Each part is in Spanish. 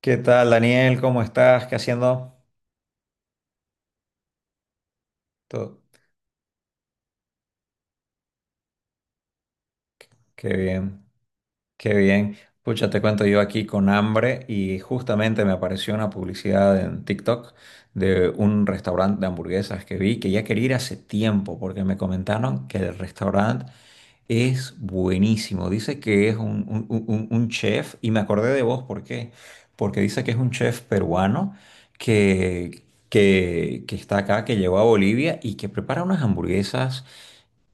¿Qué tal, Daniel? ¿Cómo estás? ¿Qué haciendo? Todo. Qué bien, qué bien. Pucha, te cuento, yo aquí con hambre y justamente me apareció una publicidad en TikTok de un restaurante de hamburguesas que vi, que ya quería ir hace tiempo porque me comentaron que el restaurante es buenísimo. Dice que es un, un chef y me acordé de vos. ¿Por qué? Porque dice que es un chef peruano que está acá, que llegó a Bolivia y que prepara unas hamburguesas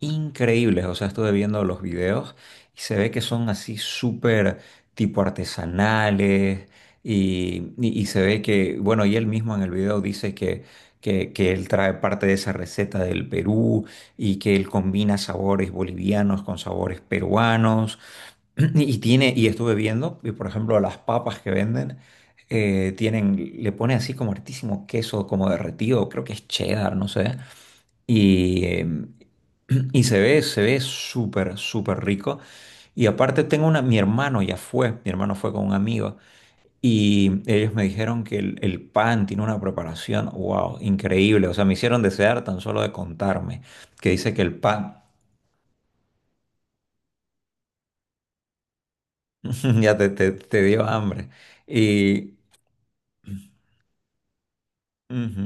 increíbles. O sea, estuve viendo los videos y se ve que son así súper tipo artesanales y se ve que, bueno, y él mismo en el video dice que él trae parte de esa receta del Perú y que él combina sabores bolivianos con sabores peruanos y tiene, y estuve viendo, y por ejemplo, las papas que venden, tienen, le pone así como hartísimo queso como derretido, creo que es cheddar, no sé. Y, y se ve súper, súper rico. Y aparte tengo una, mi hermano ya fue, mi hermano fue con un amigo y ellos me dijeron que el pan tiene una preparación, wow, increíble. O sea, me hicieron desear tan solo de contarme que dice que el pan... Ya te, te dio hambre. Y ujú.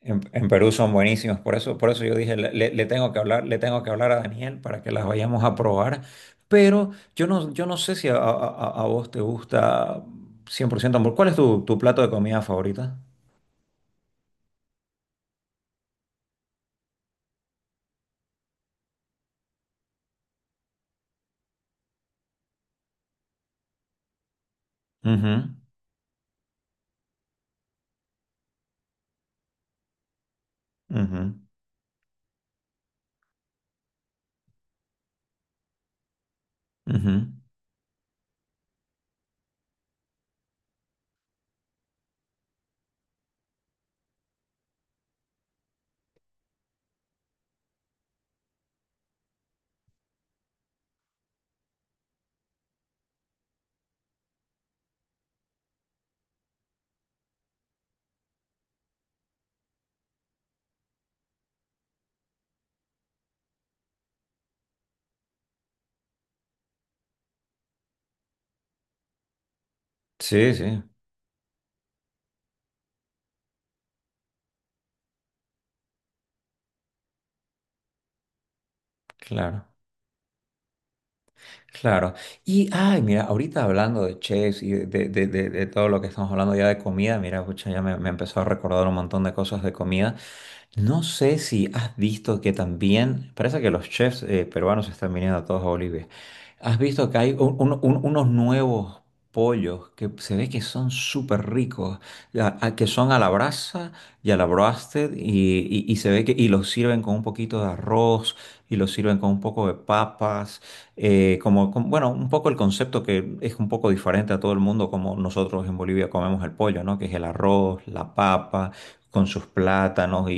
En Perú son buenísimos, por eso yo dije, le, le tengo que hablar, le tengo que hablar a Daniel para que las vayamos a probar, pero yo no, yo no sé si a vos te gusta 100% hamburguesa. ¿Cuál es tu, tu plato de comida favorita? Ujú, ujú, ujú. Sí, sí, claro, claro. Y, ay, mira, ahorita hablando de chefs y de, de todo lo que estamos hablando ya de comida, mira, pucha, ya me empezó a recordar un montón de cosas de comida. No sé si has visto que también, parece que los chefs peruanos están viniendo a todos a Bolivia. Has visto que hay unos nuevos pollos que se ve que son súper ricos, que son a la brasa y a la broasted y se ve que y los sirven con un poquito de arroz y los sirven con un poco de papas, como, bueno, un poco el concepto, que es un poco diferente a todo el mundo, como nosotros en Bolivia comemos el pollo, ¿no? Que es el arroz, la papa con sus plátanos,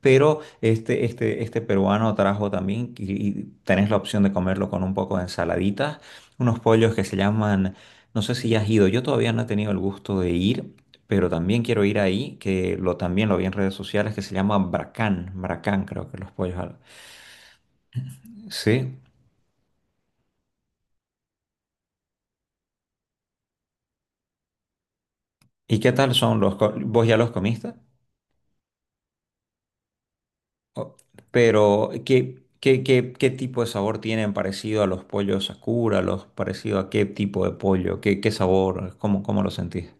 pero este peruano trajo también, y tenés la opción de comerlo con un poco de ensaladitas, unos pollos que se llaman, no sé si ya has ido, yo todavía no he tenido el gusto de ir, pero también quiero ir ahí, que lo, también lo vi en redes sociales, que se llama Bracán. Bracán creo que los pollos. Al- sí. ¿Y qué tal son los? ¿Vos ya los comiste? O- pero, ¿qué tipo de sabor tienen, parecido a los pollos Sakura, los parecido a qué tipo de pollo? ¿Qué, qué sabor? ¿Cómo, cómo lo sentís?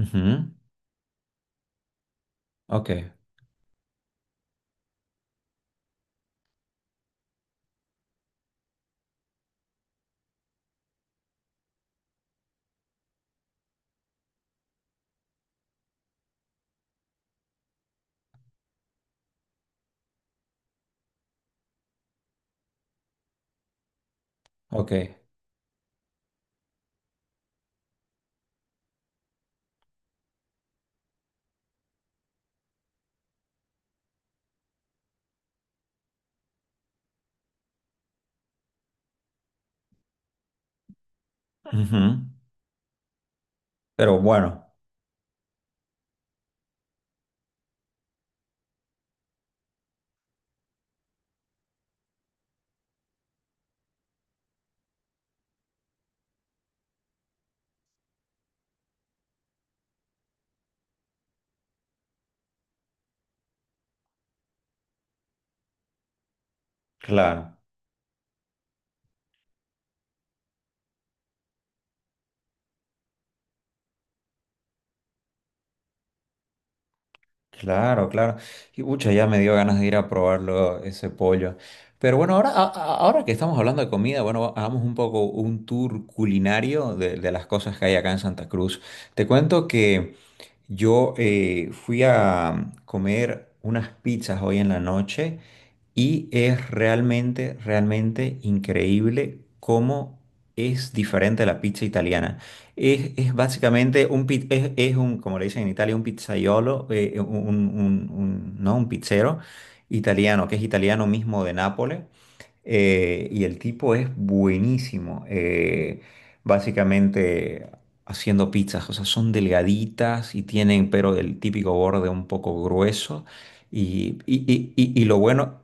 Ujú, ok, ok. Ujú. Pero bueno, claro, claro, claro. Y pucha, ya me dio ganas de ir a probarlo, ese pollo. Pero bueno, ahora, ahora que estamos hablando de comida, bueno, hagamos un poco un tour culinario de las cosas que hay acá en Santa Cruz. Te cuento que yo fui a comer unas pizzas hoy en la noche y es realmente, realmente increíble cómo es diferente la pizza italiana. Es básicamente un, es un, como le dicen en Italia, un pizzaiolo, un, no, un pizzero italiano, que es italiano mismo de Nápoles. Y el tipo es buenísimo, básicamente haciendo pizzas. O sea, son delgaditas y tienen, pero el típico borde un poco grueso. Y, y lo bueno...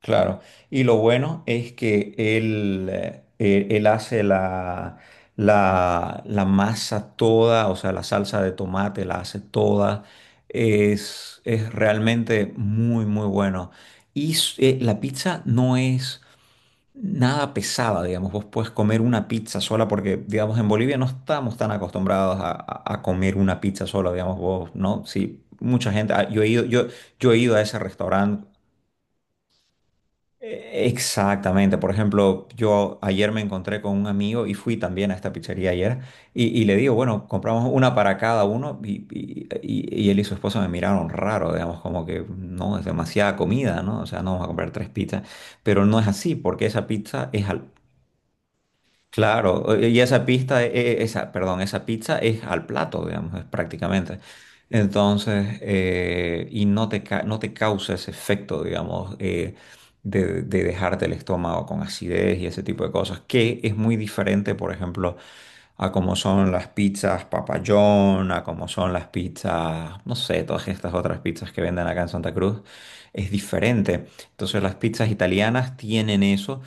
Claro, y lo bueno es que él, él hace la, la, la masa toda, o sea, la salsa de tomate la hace toda. Es realmente muy, muy bueno. Y la pizza no es nada pesada, digamos. Vos puedes comer una pizza sola porque, digamos, en Bolivia no estamos tan acostumbrados a, a comer una pizza sola, digamos, vos, ¿no? Sí, mucha gente, ah, yo he ido, yo he ido a ese restaurante. Exactamente, por ejemplo, yo ayer me encontré con un amigo y fui también a esta pizzería ayer y le digo, bueno, compramos una para cada uno, y él y su esposa me miraron raro, digamos, como que no, es demasiada comida, ¿no? O sea, no vamos a comprar tres pizzas, pero no es así porque esa pizza es, al- claro, y esa pista, esa, perdón, esa pizza es al plato, digamos, es prácticamente. Entonces, y no te, no te causa ese efecto, digamos, de dejarte el estómago con acidez y ese tipo de cosas, que es muy diferente, por ejemplo, a cómo son las pizzas papayón, a cómo son las pizzas, no sé, todas estas otras pizzas que venden acá en Santa Cruz, es diferente. Entonces, las pizzas italianas tienen eso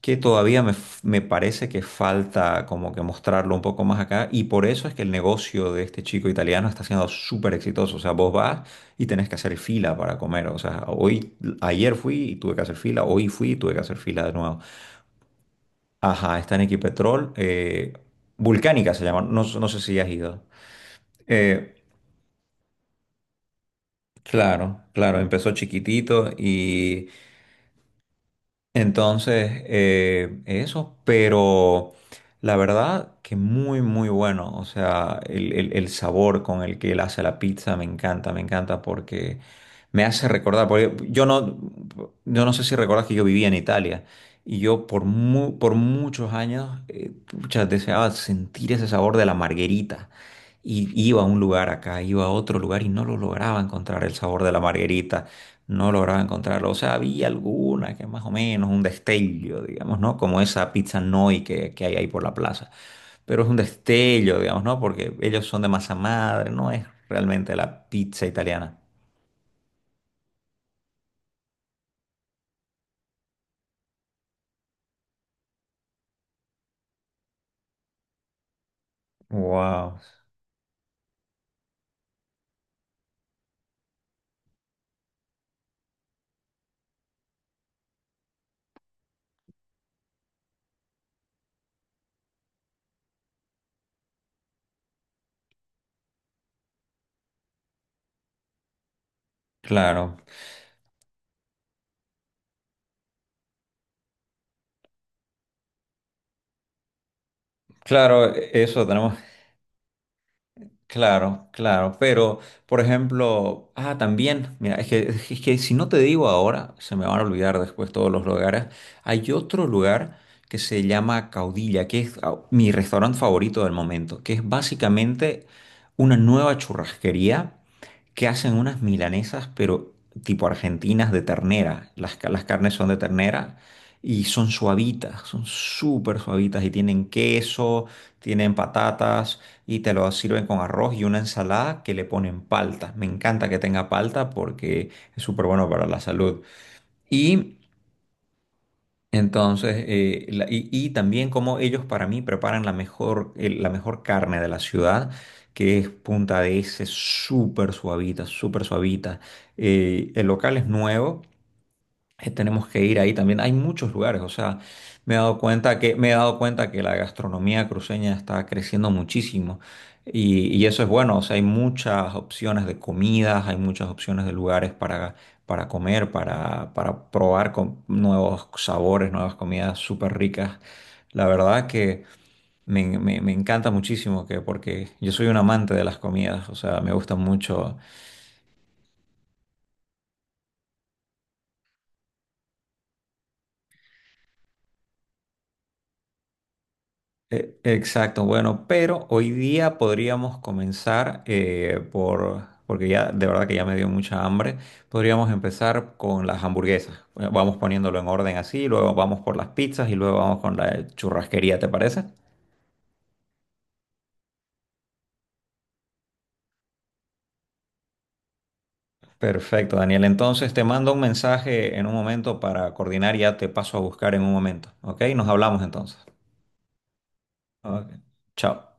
que todavía me, me parece que falta como que mostrarlo un poco más acá, y por eso es que el negocio de este chico italiano está siendo súper exitoso. O sea, vos vas y tenés que hacer fila para comer. O sea, hoy, ayer fui y tuve que hacer fila, hoy fui y tuve que hacer fila de nuevo. Ajá, está en Equipetrol. Vulcánica se llama, no, no sé si has ido. Eh, claro, claro, empezó chiquitito y... Entonces, eso, pero la verdad que muy, muy bueno. O sea, el, el sabor con el que él hace la pizza me encanta, me encanta, porque me hace recordar, porque yo no, yo no sé si recuerdas que yo vivía en Italia, y yo por, por muchos años, pucha, deseaba sentir ese sabor de la marguerita. Y iba a un lugar acá, iba a otro lugar y no lo lograba encontrar el sabor de la marguerita. No lograba encontrarlo. O sea, había alguna que más o menos, un destello, digamos, ¿no? Como esa pizza Noi que hay ahí por la plaza. Pero es un destello, digamos, ¿no? Porque ellos son de masa madre, no es realmente la pizza italiana. Wow. Claro, claro, eso tenemos. Claro, claro, pero por ejemplo, ah, también, mira, es que si no te digo ahora, se me van a olvidar después todos los lugares. Hay otro lugar que se llama Caudilla, que es, ah, mi restaurante favorito del momento, que es básicamente una nueva churrasquería, que hacen unas milanesas, pero tipo argentinas, de ternera. Las, las carnes son de ternera y son suavitas, son súper suavitas y tienen queso, tienen patatas y te lo sirven con arroz y una ensalada que le ponen palta. Me encanta que tenga palta porque es súper bueno para la salud. Y entonces, y también como ellos para mí preparan la mejor, la mejor carne de la ciudad, que es Punta de ese, súper suavita, súper suavita. El local es nuevo, tenemos que ir ahí también. Hay muchos lugares, o sea, me he dado cuenta que, me he dado cuenta que la gastronomía cruceña está creciendo muchísimo, y eso es bueno, o sea, hay muchas opciones de comidas, hay muchas opciones de lugares para comer, para probar con nuevos sabores, nuevas comidas súper ricas. La verdad que me, me encanta muchísimo que, porque yo soy un amante de las comidas, o sea, me gusta mucho. Exacto, bueno, pero hoy día podríamos comenzar, por, porque ya de verdad que ya me dio mucha hambre, podríamos empezar con las hamburguesas. Bueno, vamos poniéndolo en orden así, luego vamos por las pizzas y luego vamos con la churrasquería, ¿te parece? Perfecto, Daniel. Entonces te mando un mensaje en un momento para coordinar, ya te paso a buscar en un momento, ¿ok? Nos hablamos entonces. Ok. Chao.